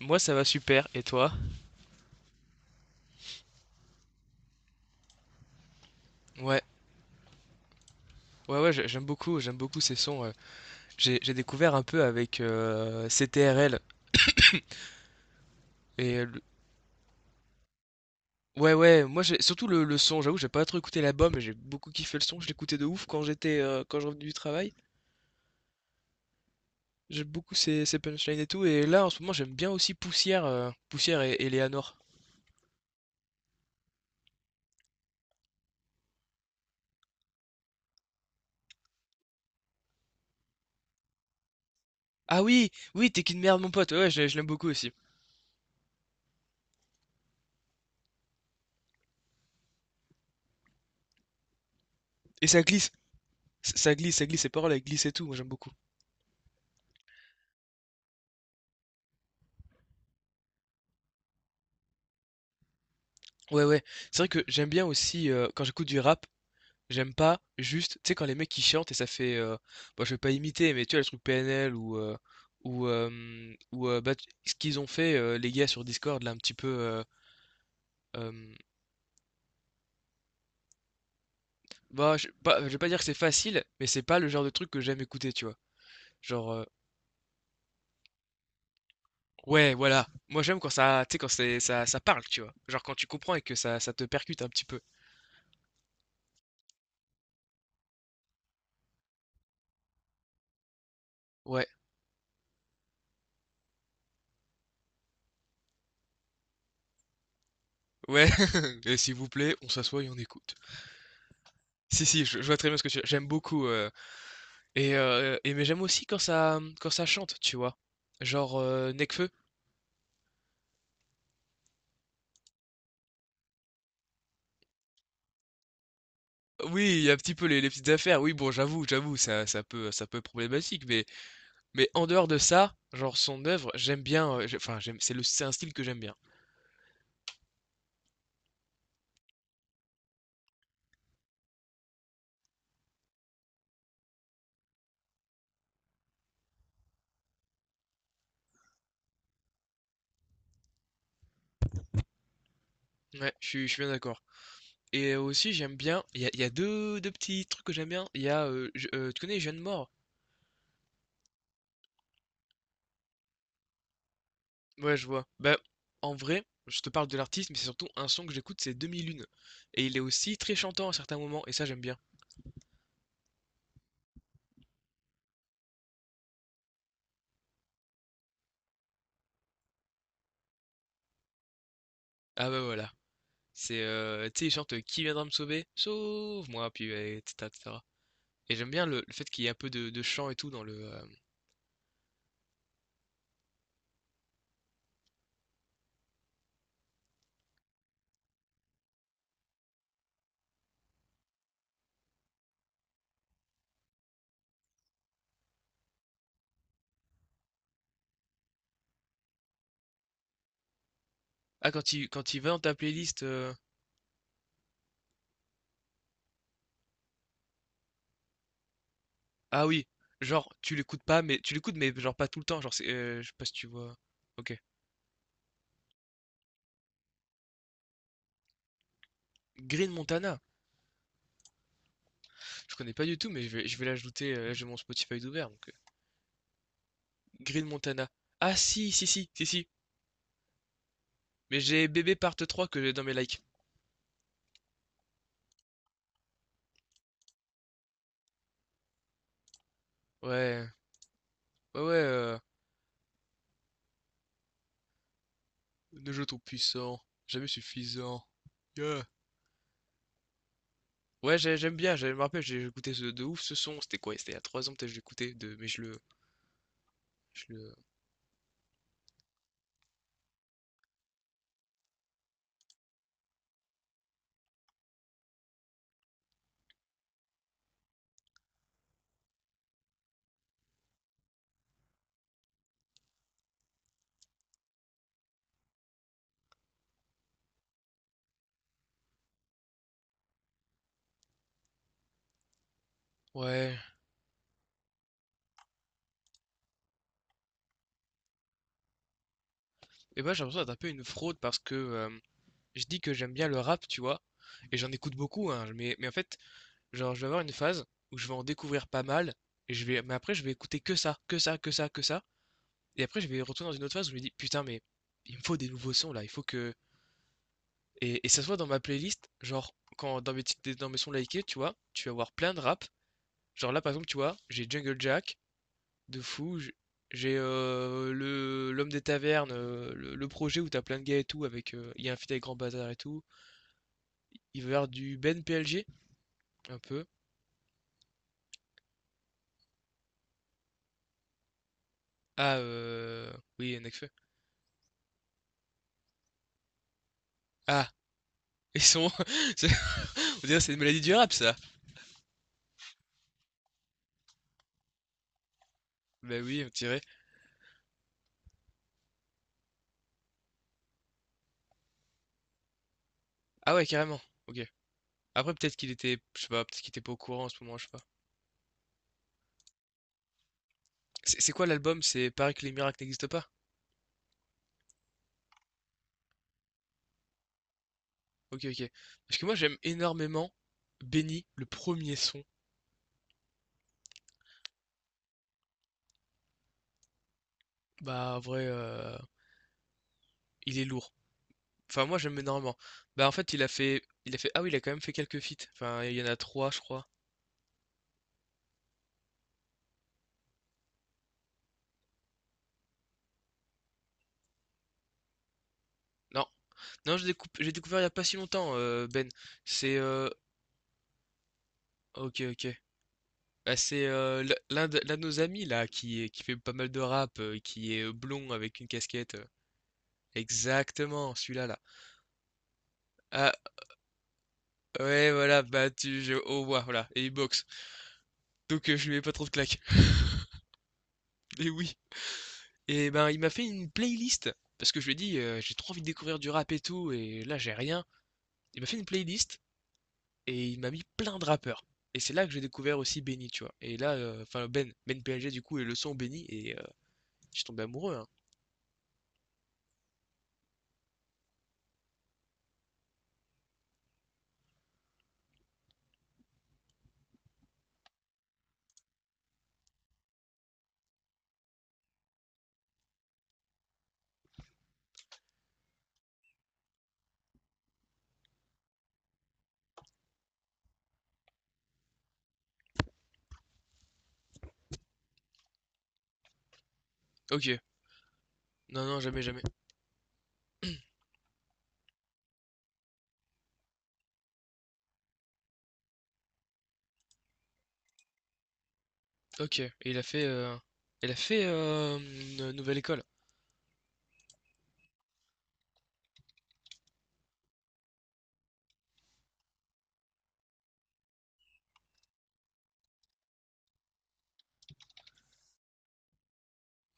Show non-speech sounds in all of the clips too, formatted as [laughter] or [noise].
Moi, ça va super. Et toi? Ouais, ouais, ouais, j'aime beaucoup ces sons. J'ai découvert un peu avec CTRL. Et le- ouais, ouais, moi, j'ai surtout le son. J'avoue, j'ai pas trop écouté l'album, mais j'ai beaucoup kiffé le son. Je l'écoutais de ouf quand je revenais du travail. J'aime beaucoup ces punchlines et tout. Et là, en ce moment, j'aime bien aussi Poussière et Léanor. Ah oui, oui, t'es qu'une merde, mon pote. Ouais, je l'aime beaucoup aussi. Et ça glisse, ça glisse, ça glisse. Ses paroles, elles glissent et tout. Moi, j'aime beaucoup. Ouais, ouais. C'est vrai que j'aime bien aussi quand j'écoute du rap. J'aime pas juste, tu sais, quand les mecs ils chantent et ça fait, bon, je vais pas imiter, mais tu vois, le truc PNL ou bah, ce qu'ils ont fait, les gars sur Discord, là, un petit peu, euh, bah, je vais pas dire que c'est facile, mais c'est pas le genre de truc que j'aime écouter, tu vois. Genre, ouais, voilà. Moi, j'aime quand ça, tu sais, quand c'est, ça parle, tu vois. Genre, quand tu comprends et que ça te percute un petit peu. Ouais, ouais, [laughs] et s'il vous plaît, on s'assoit et on écoute. Si, si, je vois très bien J'aime beaucoup. Mais j'aime aussi quand ça chante, tu vois? Genre, Nekfeu. Oui, il y a un petit peu les petites affaires. Oui, bon, j'avoue, ça peut être problématique, mais en dehors de ça, genre son œuvre, j'aime bien, j'ai enfin, j'aime c'est le c'est un style que j'aime bien. Ouais, je suis bien d'accord et aussi j'aime bien, il y a deux petits trucs que j'aime bien. Il y a, je tu connais Jeanne Moore? Ouais, je vois. Bah, en vrai, je te parle de l'artiste, mais c'est surtout un son que j'écoute, c'est 2001 et il est aussi très chantant à certains moments et ça, j'aime bien. Ah bah voilà. C'est tu sais, il chante Qui viendra me sauver? Sauve-moi, puis etc., etc. Et cetera. Et j'aime bien le fait qu'il y ait un peu de chant et tout dans le. Ah quand il va dans ta playlist. Ah oui, genre tu l'écoutes pas, mais tu l'écoutes mais genre pas tout le temps. Genre c'est, je sais pas si tu vois. Ok. Green Montana. Je connais pas du tout, mais je vais l'ajouter. Là j'ai mon Spotify ouvert donc Green Montana. Ah si si si si si. Mais j'ai Bébé Part 3 que j'ai dans mes likes. Ouais, ouais, ouais. Nos jeux trop puissants, jamais suffisant. Yeah. Ouais, j'aime bien, je me rappelle, j'ai écouté de ouf ce son. C'était quoi? C'était il y a 3 ans, peut-être, que je l'écoutais, mais je le. Ouais. Et bah, j'ai l'impression d'être un peu une fraude parce que je dis que j'aime bien le rap, tu vois. Et j'en écoute beaucoup, hein. Mais en fait, genre, je vais avoir une phase où je vais en découvrir pas mal. Mais après, je vais écouter que ça, que ça, que ça, que ça. Et après, je vais retourner dans une autre phase où je me dis, putain, mais il me faut des nouveaux sons là. Il faut que. Et ça se voit dans ma playlist, genre, quand dans mes, titres- dans mes sons likés, tu vois, tu vas voir plein de rap. Genre là, par exemple, tu vois, j'ai Jungle Jack, de fou, j'ai le l'homme des tavernes, le projet où t'as plein de gars et tout, avec il y a un feat avec Grand Bazar et tout. Il va y avoir du Ben PLG, un peu. Ah, euh, oui, Nekfeu. Ah, ils sont. [laughs] c'est- On dirait que c'est une maladie du rap, ça. Bah oui, on dirait. Ah ouais, carrément. Ok. Après, peut-être qu'il était, je sais pas, peut-être qu'il était pas au courant en ce moment, je sais pas. C'est quoi l'album? C'est Paris que les miracles n'existent pas? Ok, ok. Parce que moi j'aime énormément Benny, le premier son. Bah en vrai, il est lourd. Enfin moi j'aime énormément. Bah en fait il a fait, ah oui il a quand même fait quelques feats. Enfin il y en a trois je crois. Non, non j'ai découvert il y a pas si longtemps Ben. C'est, euh, ok, ok. Bah, c'est l'un de nos amis là qui fait pas mal de rap, qui est blond avec une casquette. Exactement, celui-là là. Ah ouais voilà, au revoir, voilà et il boxe. Donc je lui mets pas trop de claques. [laughs] mais oui. Et ben, il m'a fait une playlist parce que je lui ai dit, «J'ai trop envie de découvrir du rap et tout et là, j'ai rien». Il m'a fait une playlist et il m'a mis plein de rappeurs et c'est là que j'ai découvert aussi Benny, tu vois? Et là, enfin Ben PLG du coup et le son Benny et je suis tombé amoureux, hein. OK. Non, non, jamais, jamais. OK et il a fait, une Nouvelle École?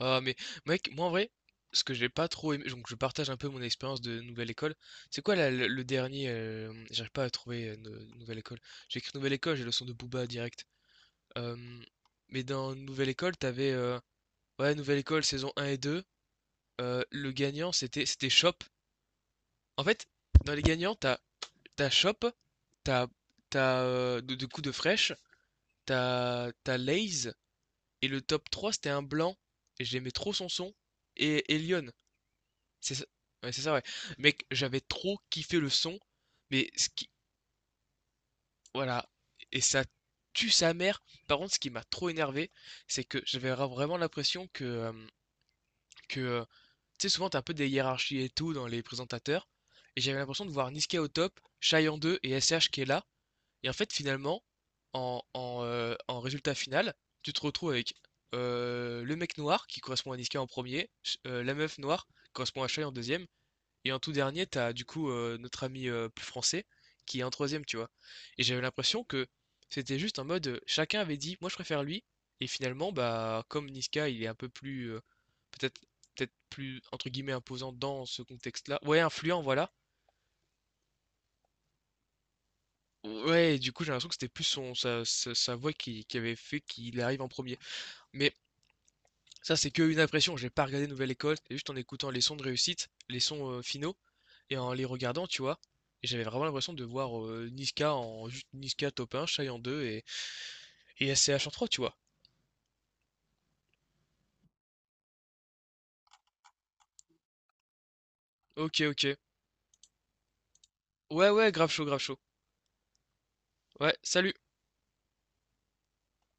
Ah mais mec, moi en vrai, ce que j'ai pas trop aimé, donc je partage un peu mon expérience de nouvelle école. C'est quoi le dernier j'arrive pas à trouver nouvelle école. J'ai écrit nouvelle école, j'ai le son de Booba direct. Euh, mais dans nouvelle école, t'avais ouais nouvelle école saison un et 2. Le gagnant c'était Shop. En fait, dans les gagnants, t'as Shop, t'as t'as de coups de fraîche, t'as Lay's et le top 3 c'était un blanc. Et j'aimais trop son et Elion. C'est ça, ouais, c'est ça, ouais. Mec, j'avais trop kiffé le son, mais ce qui, voilà, et ça tue sa mère. Par contre, ce qui m'a trop énervé, c'est que j'avais vraiment l'impression que, que, euh, tu sais, souvent t'as un peu des hiérarchies et tout dans les présentateurs, et j'avais l'impression de voir Niska au top, Shai en 2 et SH qui est là, et en fait, finalement, en résultat final, tu te retrouves avec le mec noir qui correspond à Niska en premier, la meuf noire qui correspond à Shai en deuxième, et en tout dernier, t'as du coup notre ami plus français qui est en troisième, tu vois. Et j'avais l'impression que c'était juste en mode chacun avait dit moi je préfère lui. Et finalement, bah comme Niska, il est un peu plus peut-être peut-être plus entre guillemets imposant dans ce contexte-là. Ouais, influent, voilà. Ouais, et du coup, j'ai l'impression que c'était plus sa voix qui avait fait qu'il arrive en premier. Mais ça, c'est qu'une impression. J'ai pas regardé Nouvelle École. C'est juste en écoutant les sons de réussite, les sons finaux, et en les regardant, tu vois. Et j'avais vraiment l'impression de voir Niska en juste Niska top 1, Shy en 2 et SCH en 3, tu vois. Ok, ok. Ouais, ouais, grave chaud, grave chaud. Ouais, salut.